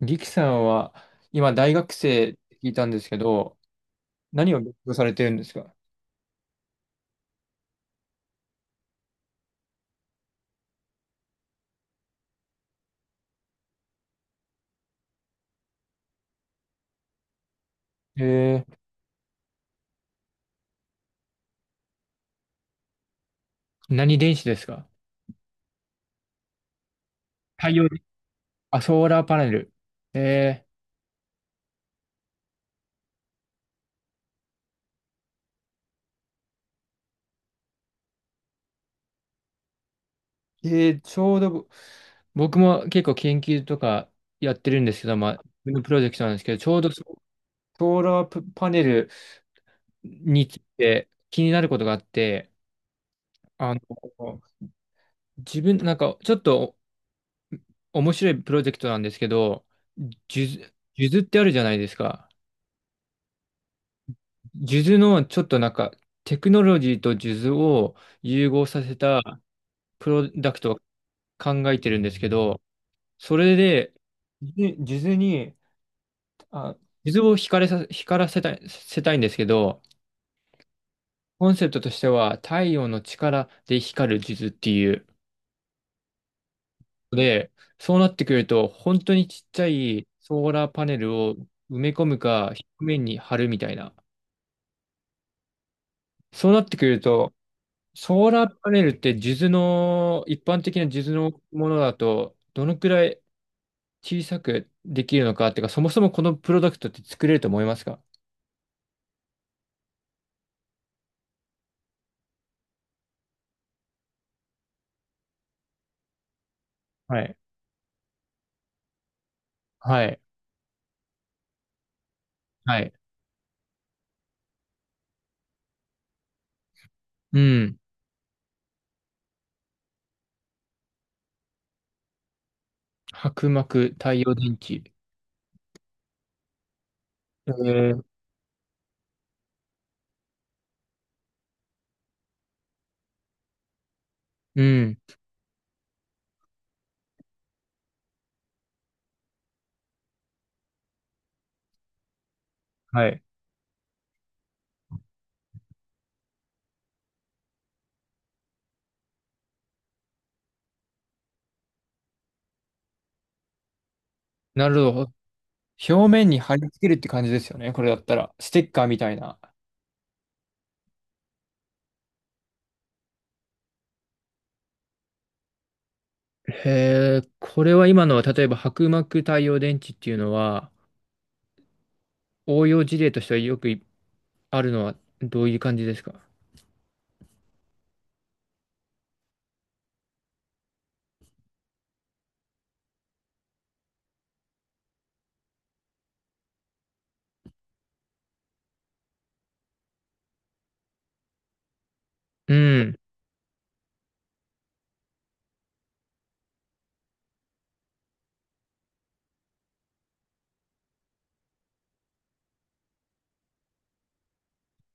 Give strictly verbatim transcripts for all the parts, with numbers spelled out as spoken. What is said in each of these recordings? リキさんは今大学生って聞いたんですけど、何を勉強されてるんですか？えー、何電子ですか？太陽電、あ、ソーラーパネル。えー、えーちょうどぼ僕も結構研究とかやってるんですけど、まあ、自分のプロジェクトなんですけど、ちょうどソソーラープパネルについて気になることがあって、あの、自分、なんかちょっと面白いプロジェクトなんですけど、数珠数珠ってあるじゃないですか。数珠のちょっとなんかテクノロジーと数珠を融合させたプロダクトを考えてるんですけど、それで数珠数珠に、あ、数珠を光らさ、光らせたい、せたいんですけど、コンセプトとしては太陽の力で光る数珠っていう。で、そうなってくると本当にちっちゃいソーラーパネルを埋め込むか、表面に貼るみたいな。そうなってくると、ソーラーパネルって数珠の、一般的な数珠のものだと、どのくらい小さくできるのかっていうか、そもそもこのプロダクトって作れると思いますか？はい。はい。はい。うん。薄膜、太陽電池。えー、うん。はい。なるほど。表面に貼り付けるって感じですよね。これだったら。ステッカーみたいな。へえ、これは今のは、例えば薄膜太陽電池っていうのは、応用事例としてはよくあるのはどういう感じですか？うん。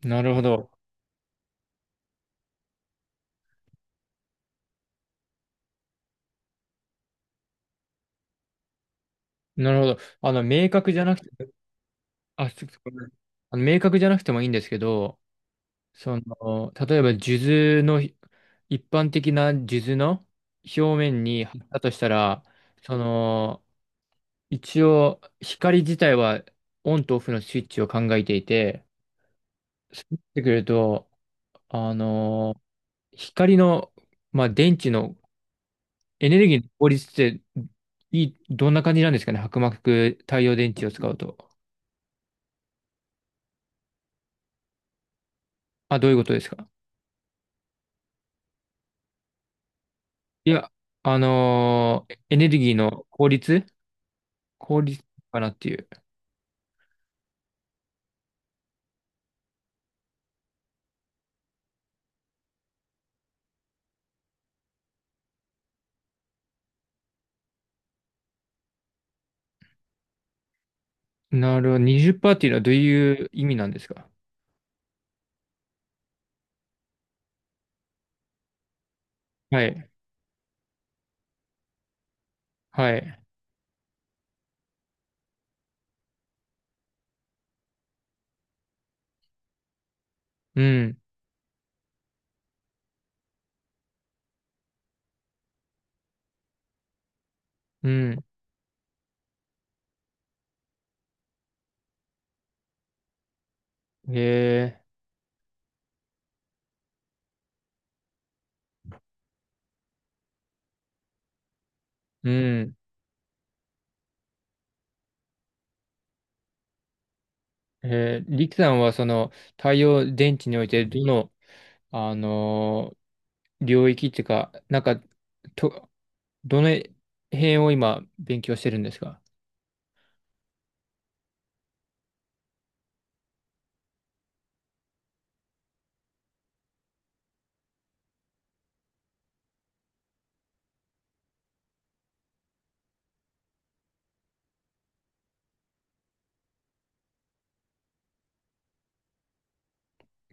なるほど。なるほど。あの、明確じゃなくて、あ、ちょっとごめん。あの、明確じゃなくてもいいんですけど、その、例えば、数珠の、一般的な数珠の表面に貼ったとしたら、その、一応、光自体はオンとオフのスイッチを考えていて、そうなってくると、あの、光の、まあ、電池のエネルギーの効率って、いい、どんな感じなんですかね、薄膜太陽電池を使うと。あ、どういうことですか？いや、あのーエネルギーの効率効率かなっていう。なるほど。にじゅっパーセントっパーセントっていうのはどういう意味なんですか？はい。はい。うん。うん。へえ。うん。えー、リキさんはその太陽電池においてどの、あのー領域っていうか、なんか、と、どの辺を今勉強してるんですか？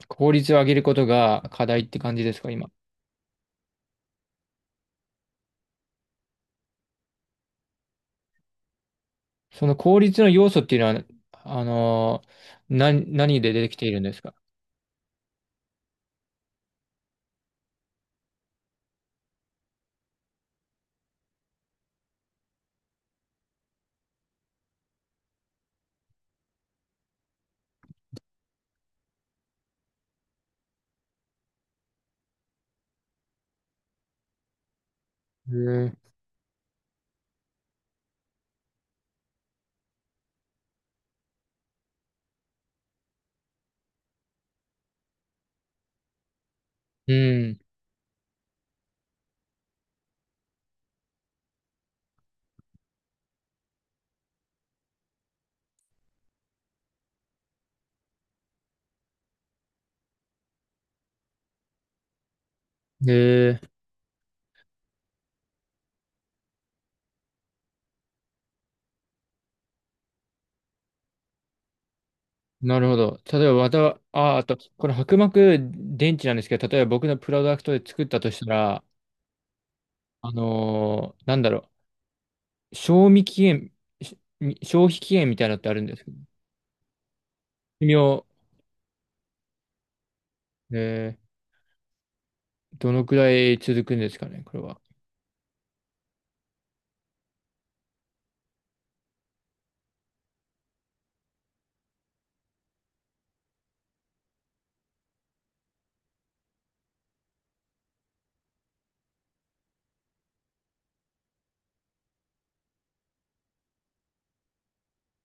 効率を上げることが課題って感じですか、今。その効率の要素っていうのは、あのー、な、何で出てきているんですか？へえ。うん。ええ。なるほど。例えば、また、あ、あと、この薄膜電池なんですけど、例えば僕のプロダクトで作ったとしたら、あのーなんだろう、賞味期限、し消費期限みたいなのってあるんですけど、寿命、ええ、どのくらい続くんですかね、これは。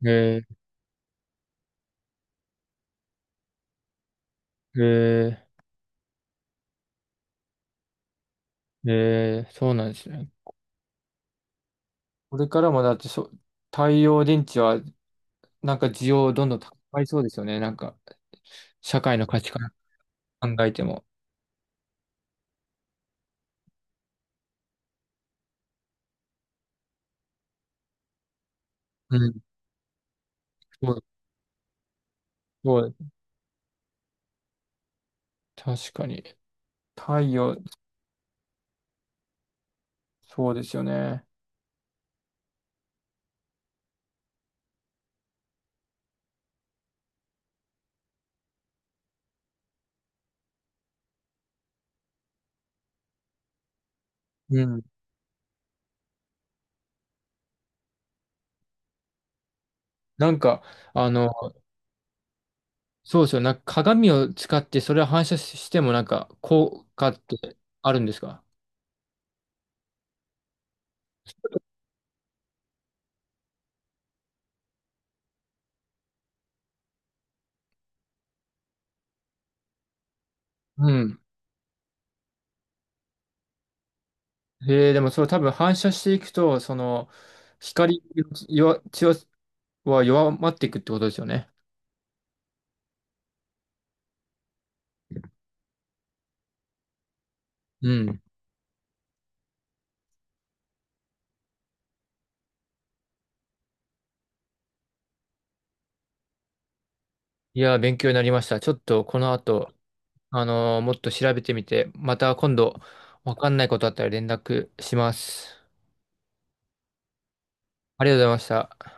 えー、えー、ええ、そうなんですね。これからもだってそ、太陽電池はなんか需要どんどん高まりそうですよね。なんか社会の価値観考えても。うん。そう、そう、確かに。太陽、そうですよね。うん。なんか、あの、そうですよ。なんか鏡を使ってそれを反射してもなんか効果ってあるんですか？うん。えー、でもそれ多分反射していくと、その、光弱、強は弱まっていくってことですよね。うん。いやー、勉強になりました。ちょっとこの後、あのーもっと調べてみて、また今度わかんないことあったら連絡します。ありがとうございました。